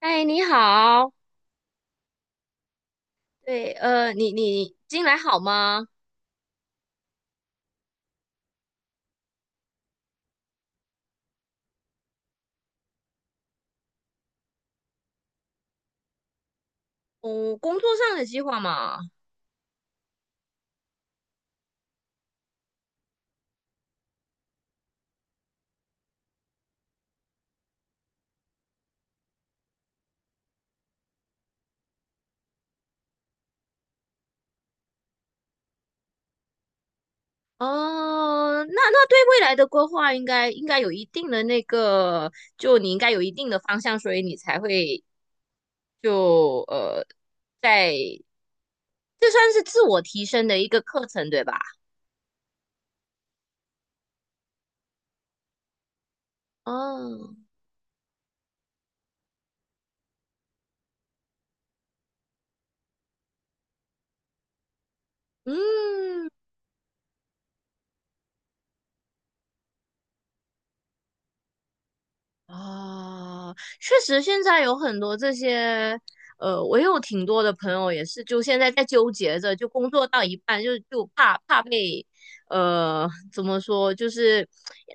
哎，你好。对，你近来好吗？嗯，工作上的计划嘛。哦，那对未来的规划应该有一定的那个，就你应该有一定的方向，所以你才会就呃，在这算是自我提升的一个课程，对吧？哦。嗯。啊，确实，现在有很多这些，我有挺多的朋友也是，就现在在纠结着，就工作到一半就怕被，怎么说，就是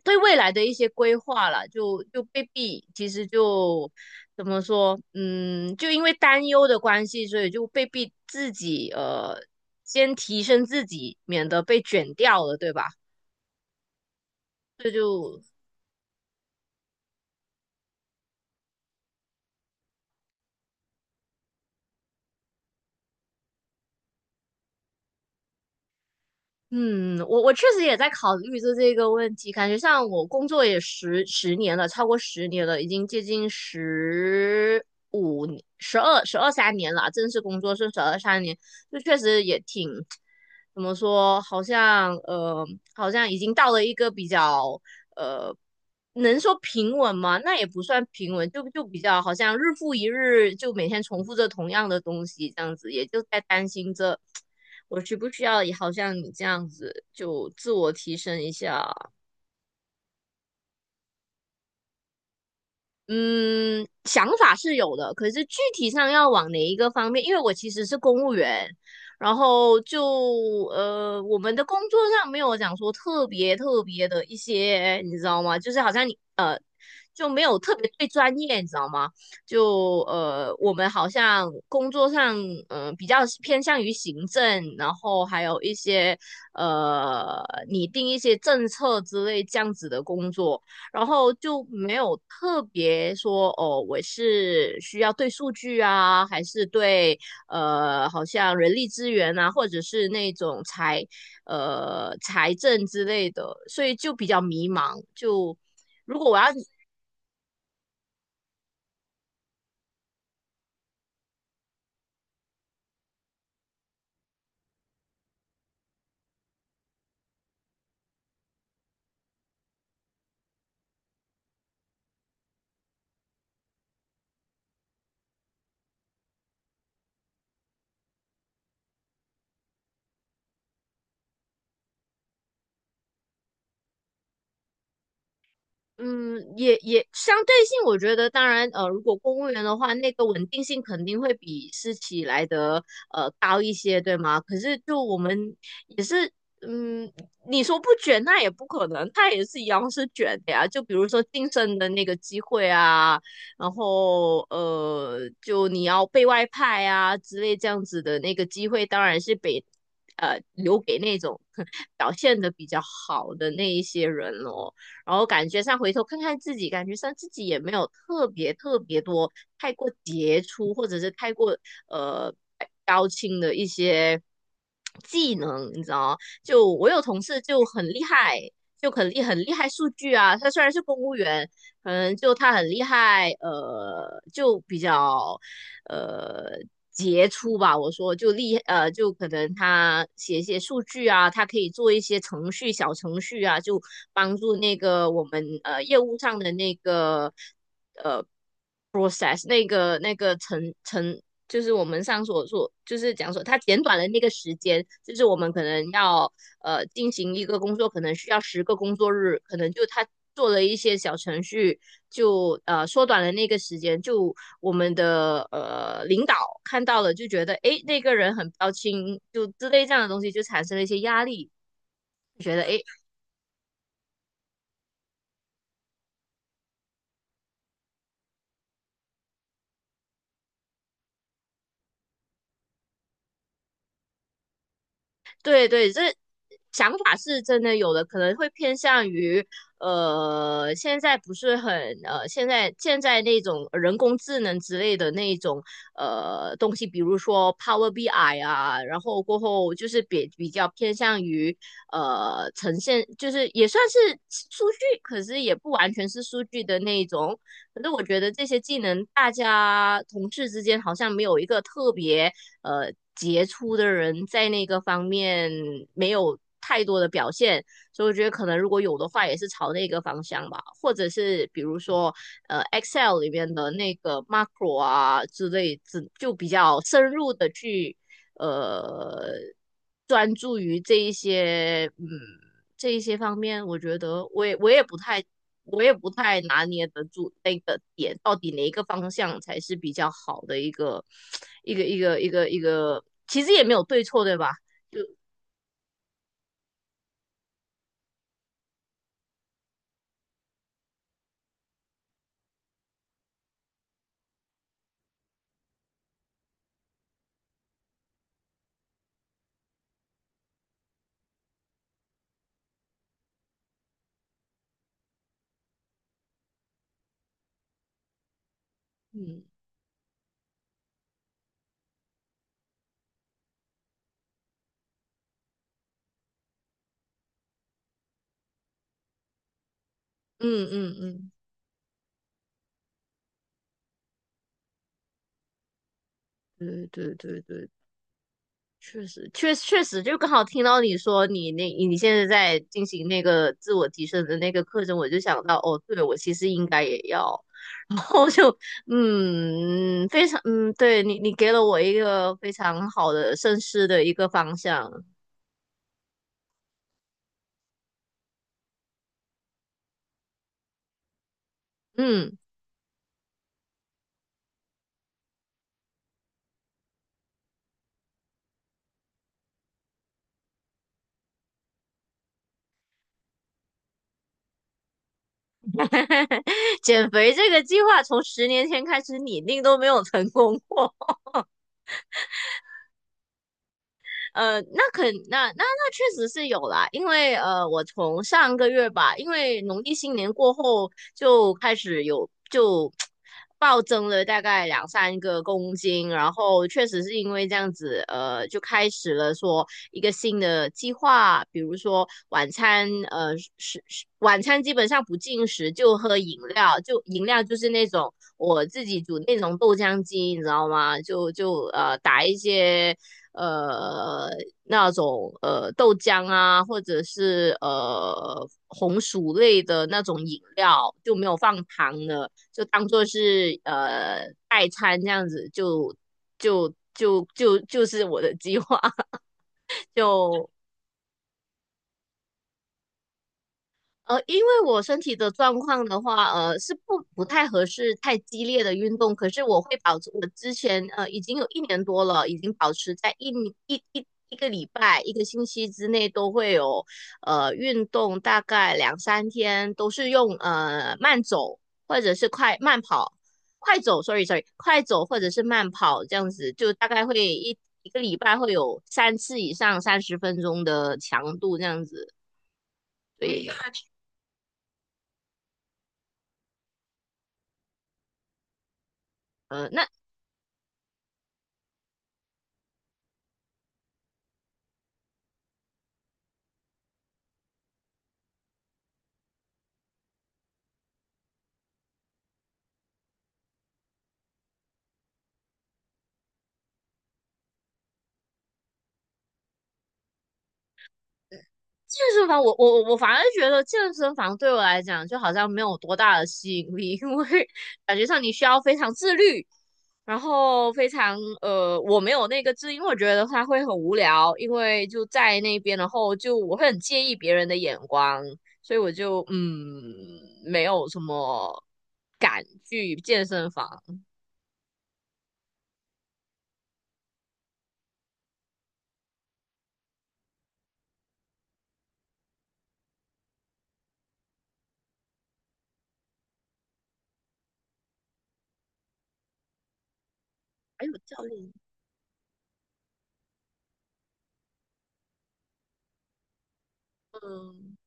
对未来的一些规划了，就被逼，其实就怎么说，嗯，就因为担忧的关系，所以就被逼自己，先提升自己，免得被卷掉了，对吧？这就嗯，我确实也在考虑着这个问题，感觉像我工作也十年了，超过十年了，已经接近15年十二、十二三年了啊正式工作是十二三年，就确实也挺，怎么说，好像呃，好像已经到了一个比较呃能说平稳吗？那也不算平稳，就比较好像日复一日，就每天重复着同样的东西，这样子，也就在担心着我需不需要，也好像你这样子就自我提升一下。嗯，想法是有的，可是具体上要往哪一个方面？因为我其实是公务员，然后我们的工作上没有讲说特别特别的一些，你知道吗？就是好像你就没有特别对专业，你知道吗？我们好像工作上比较偏向于行政，然后还有一些呃拟定一些政策之类这样子的工作。然后就没有特别说哦，我是需要对数据啊，还是对好像人力资源啊，或者是那种财政之类的，所以就比较迷茫。就如果我要嗯，也相对性，我觉得当然如果公务员的话，那个稳定性肯定会比私企来的高一些，对吗？可是就我们是，嗯，你说不卷，那也不可能，他也是一样是卷的呀。就比如说晋升的那个机会啊，然后就你要被外派啊之类这样子的那个机会，当然是被留给那种 表现的比较好的那一些人咯。然后感觉上回头看看自己，感觉上自己也没有特别特别多太过杰出，或者是太过呃高清的一些技能，你知道吗？就我有同事就很厉害，就很厉害数据啊。他虽然是公务员，可能就他很厉害，就比较呃。杰出吧，我说就可能他写一些数据啊，他可以做一些程序、小程序啊，就帮助那个我们业务上的那个 process 那个就是我们上所说，就是讲说他简短了那个时间，就是我们可能要进行一个工作，可能需要10个工作日，可能就他做了一些小程序，就缩短了那个时间，就我们的领导看到了就觉得诶那个人很标清，就之类这样的东西就产生了一些压力。觉得哎，对对，这想法是真的有的，可能会偏向于现在不是很现在那种人工智能之类的那种东西，比如说 Power BI 啊，然后过后就是比较偏向于呈现，就是也算是数据，可是也不完全是数据的那一种。可是我觉得这些技能，大家同事之间好像没有一个特别杰出的人在那个方面没有太多的表现，所以我觉得可能如果有的话，也是朝那个方向吧，或者是比如说Excel 里面的那个 macro 啊之类，只就比较深入的去呃专注于这一些方面，我觉得我也不太拿捏得住那个点，到底哪一个方向才是比较好的一个 一个，其实也没有对错，对吧？就嗯嗯嗯嗯，对对对对。确实，确实，就刚好听到你说你现在在进行那个自我提升的那个课程，我就想到，哦，对，我其实应该也要，然后就非常对你给了我一个非常好的深思的一个方向，嗯。减肥这个计划从10年前开始拟定都没有成功过。那肯那那那确实是有啦，因为我从上个月吧，因为农历新年过后就开始有就暴增了大概两三个公斤，然后确实是因为这样子，就开始了说一个新的计划，比如说晚餐，是晚餐基本上不进食，就喝饮料，就饮料就是那种我自己煮那种豆浆机，你知道吗？就打一些呃那种豆浆啊，或者是红薯类的那种饮料，就没有放糖的，就当做是代餐这样子，就是我的计划，就因为我身体的状况的话，是不太合适太激烈的运动。可是我会保持，我之前已经有一年多了，已经保持在一个礼拜、一个星期之内都会有运动，大概两三天都是用慢走或者是快慢跑，快走，快走或者是慢跑这样子，就大概会个礼拜会有3次以上30分钟的强度这样子。对。那健身房我，我反而觉得健身房对我来讲就好像没有多大的吸引力，因为感觉上你需要非常自律，然后非常呃，我没有那个自律因为我觉得它会很无聊，因为就在那边，然后就我会很介意别人的眼光，所以我就没有什么敢去健身房。还有教练。嗯。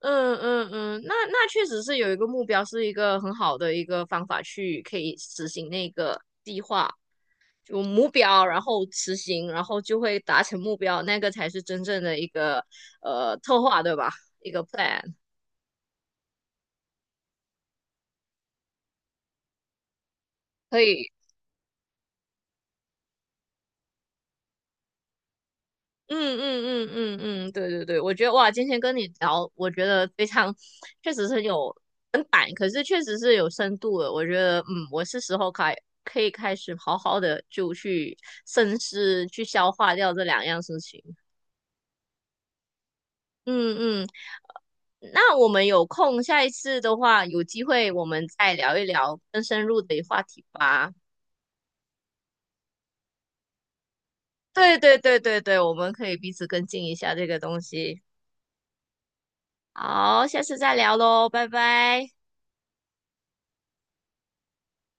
嗯嗯嗯，那确实是有一个目标，是一个很好的一个方法去可以实行那个计划，就目标，然后实行，然后就会达成目标，那个才是真正的一个策划，对吧？一个 plan。可以。嗯嗯嗯嗯嗯，对对对。我觉得哇，今天跟你聊，我觉得非常，确实是很有很板，可是确实是有深度的。我觉得，我是时候可以开始好好的就去深思，去消化掉这两样事情。嗯嗯。那我们有空，下一次的话，有机会我们再聊一聊更深入的话题吧。对对对对对，我们可以彼此跟进一下这个东西。好，下次再聊喽，拜拜。